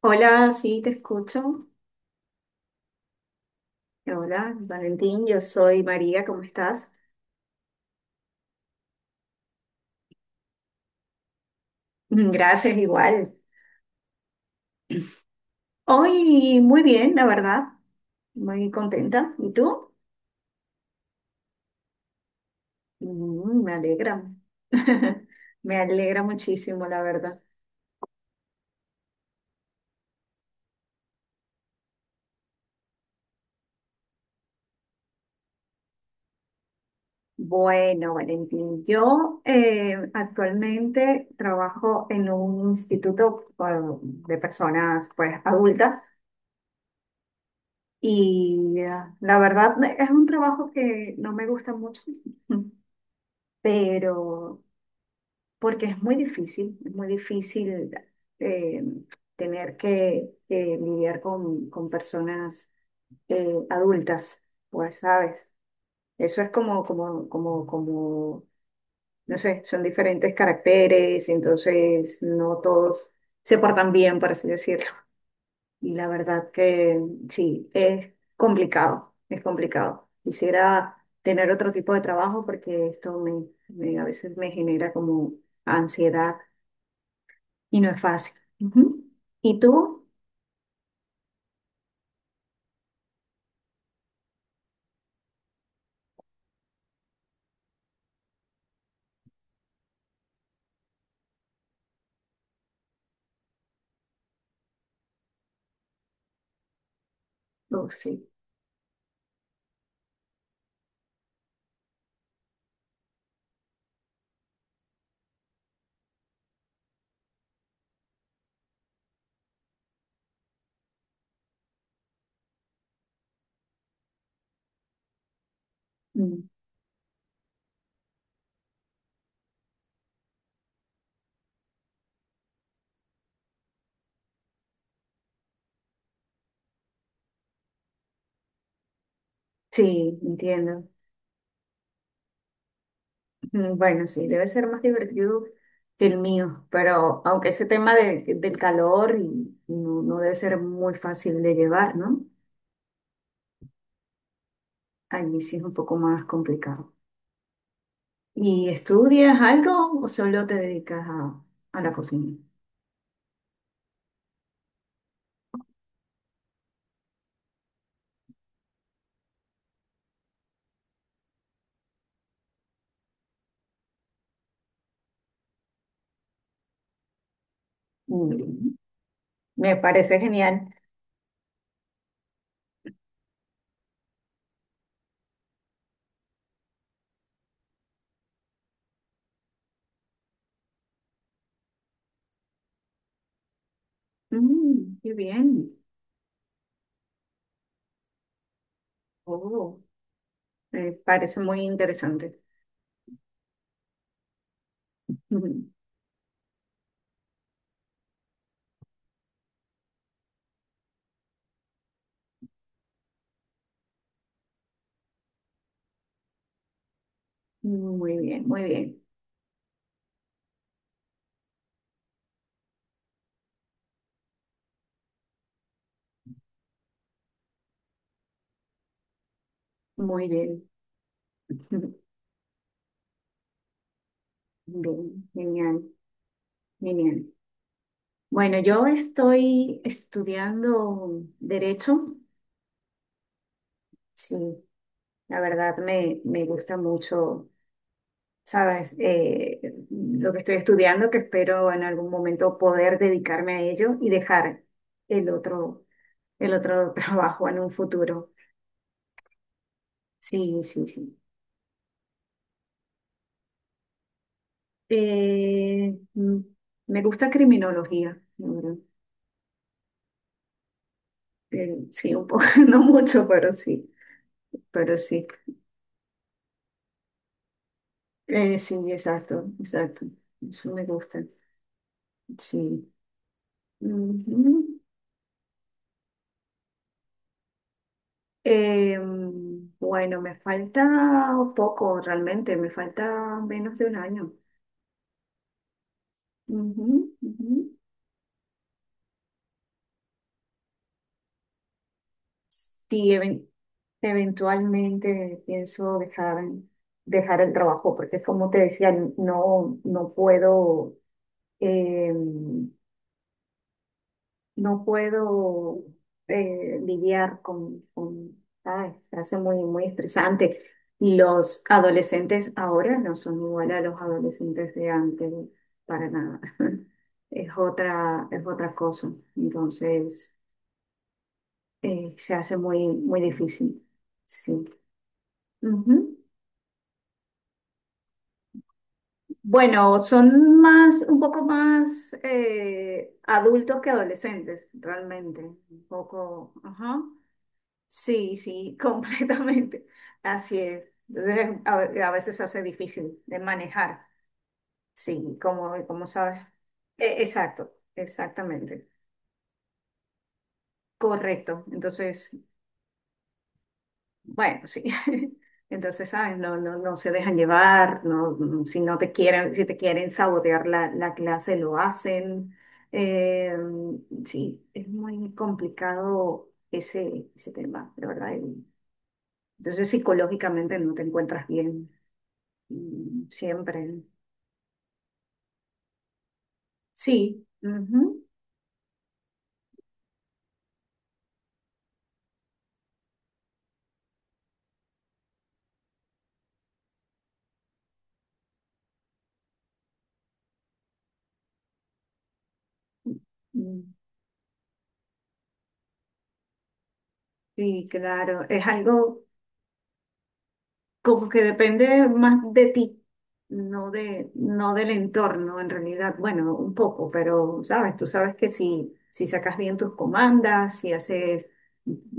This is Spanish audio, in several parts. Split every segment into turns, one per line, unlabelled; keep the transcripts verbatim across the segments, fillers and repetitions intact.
Hola, sí, te escucho. Hola, Valentín, yo soy María, ¿cómo estás? Mm, Gracias, igual. Hoy muy bien, la verdad, muy contenta. ¿Y tú? Mm, me alegra. Me alegra muchísimo, la verdad. Bueno, Valentín, yo eh, actualmente trabajo en un instituto bueno, de personas pues adultas y eh, la verdad es un trabajo que no me gusta mucho, pero porque es muy difícil, es muy difícil eh, tener que, que lidiar con, con personas eh, adultas, pues, ¿sabes? Eso es como, como, como, como, no sé, son diferentes caracteres, entonces no todos se portan bien, por así decirlo. Y la verdad que sí, es complicado, es complicado. Quisiera tener otro tipo de trabajo porque esto me, me- a veces me genera como ansiedad. Y no es fácil. Ujú. ¿Y tú? Oh, sí. Mm. Sí, entiendo. Mm, Bueno, sí, debe ser más divertido que el mío, pero aunque ese tema de- del calor y- no, no debe ser muy fácil de llevar, ¿no? A mí sí es un poco más complicado. ¿Y estudias algo o solo te dedicas a, a la cocina? Mm, me parece genial. Mm, qué bien. Oh, me parece muy interesante. Ujú. Muy bien, muy bien. Muy bien. Bien, genial, genial. Bueno, yo estoy estudiando derecho. Sí, la verdad me, me gusta mucho, ¿sabes? Eh, lo que estoy estudiando, que espero en algún momento poder dedicarme a ello y dejar el otro, el otro trabajo en un futuro. Sí, sí, sí. Eh, mm, me gusta criminología, la verdad. Eh, sí, un poco, no mucho, pero sí, pero sí. Eh, sí, exacto, exacto. Eso me gusta. Sí. Ujú. Em, bueno, me falta poco realmente, me falta menos de un año. Ujú, ujú. Sí, even- eventualmente pienso dejar, dejar el trabajo, porque como te decía, no, no puedo. em, no puedo eh, lidiar con, con- ay, se hace muy, muy estresante. Y los adolescentes ahora no son igual a los adolescentes de antes, para nada. Es otra, es otra cosa. Entonces, eh, se hace muy, muy difícil. Sí. Ujú. Bueno, son más, un poco más eh, adultos que adolescentes, realmente. Un poco, ajá. Sí, sí, completamente. Así es. Entonces, a, ve- a veces se hace difícil de manejar. Sí, como, como sabes. E- exacto, exactamente. Correcto. Entonces, bueno, sí. Entonces, ¿sabes? No, no, no se dejan llevar, no, mm, si no te quieren, si te quieren sabotear la, la clase, lo hacen. Eh, mm, sí, es muy complicado ese, ese tema, de verdad. y- Entonces, psicológicamente no te encuentras bien. Mm, siempre. Sí. Ujú. Mm, Sí, claro. Es algo como que depende más de ti, no de, no del entorno en realidad. Bueno, un poco, pero sabes, tú sabes que si, si sacas bien tus comandas, si haces,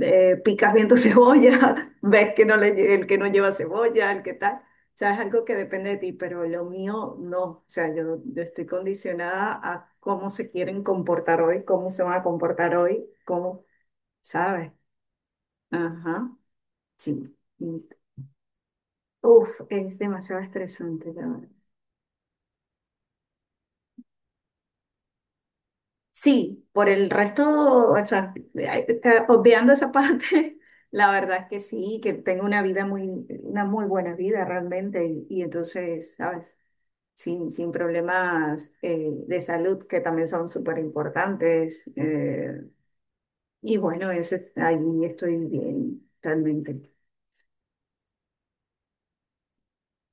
eh, picas bien tu cebolla, ves que no le, el que no lleva cebolla, el que tal. O sea, es algo que depende de ti, pero lo mío no. O sea, yo, yo estoy condicionada a cómo se quieren comportar hoy, cómo se van a comportar hoy, cómo, ¿sabes? Ajá, sí. Uf, es demasiado estresante, la verdad. Sí, por el resto, o sea, eh, eh, obviando esa parte, la verdad que sí, que tengo una vida muy, una muy buena vida realmente, y, y entonces, ¿sabes? Sin, sin problemas eh, de salud que también son súper importantes. eh, y bueno, ese, ahí estoy bien, realmente.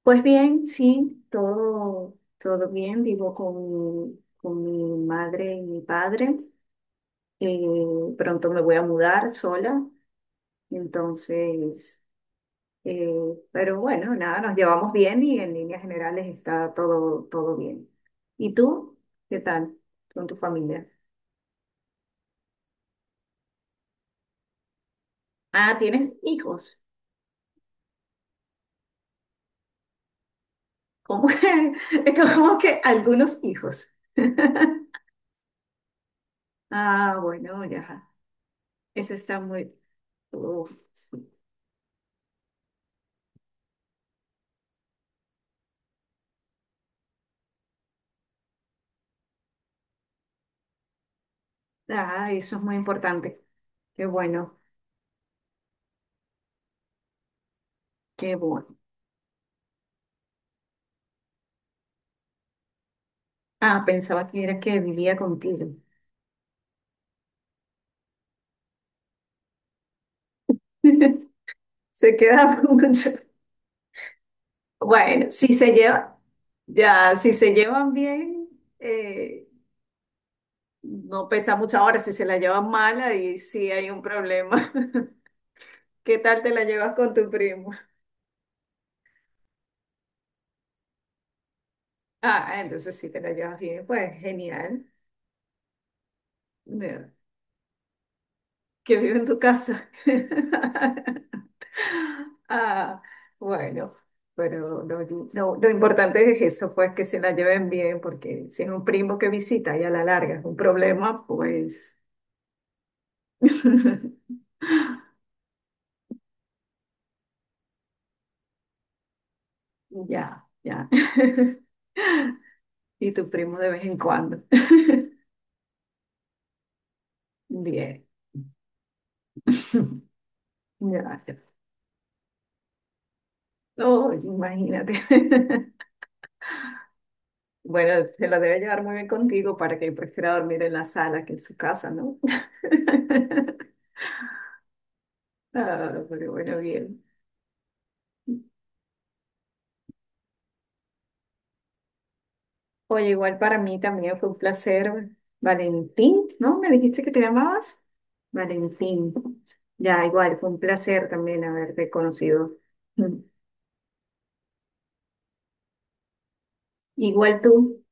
Pues bien, sí, todo, todo bien, vivo con, con mi madre y mi padre. Eh, pronto me voy a mudar sola, entonces, eh, pero bueno, nada, nos llevamos bien y en líneas generales está todo, todo bien. ¿Y tú? ¿Qué tal con tu familia? Ah, ¿tienes hijos? ¿Cómo que, como que algunos hijos? Ah, bueno, ya. Eso está muy... Uf, sí. Ah, eso es muy importante. Qué bueno, qué bueno. Ah, pensaba que era que vivía contigo. Se queda mucho. Bueno, si se lleva, ya, si se llevan bien, eh, no pesa mucho. Ahora, si se la llevan mala, y sí hay un problema. ¿Qué tal te la llevas con tu primo? Ah, entonces sí te la llevas bien, pues genial. No, que vive en tu casa. Ah, bueno, pero lo, lo- lo importante es eso, pues que se la lleven bien, porque si es un primo que visita y a la larga es un problema, pues ya, ya. Y tu primo de vez en cuando. Bien. Gracias. Oh, imagínate. Bueno, se la debe llevar muy bien contigo para que prefiera dormir en la sala que en su casa, ¿no? Ah, pero bueno, bien. Oye, igual para mí también fue un placer. Valentín, ¿no? ¿Me dijiste que te llamabas? Valentín. Ya, igual, fue un placer también haberte conocido. Igual tú.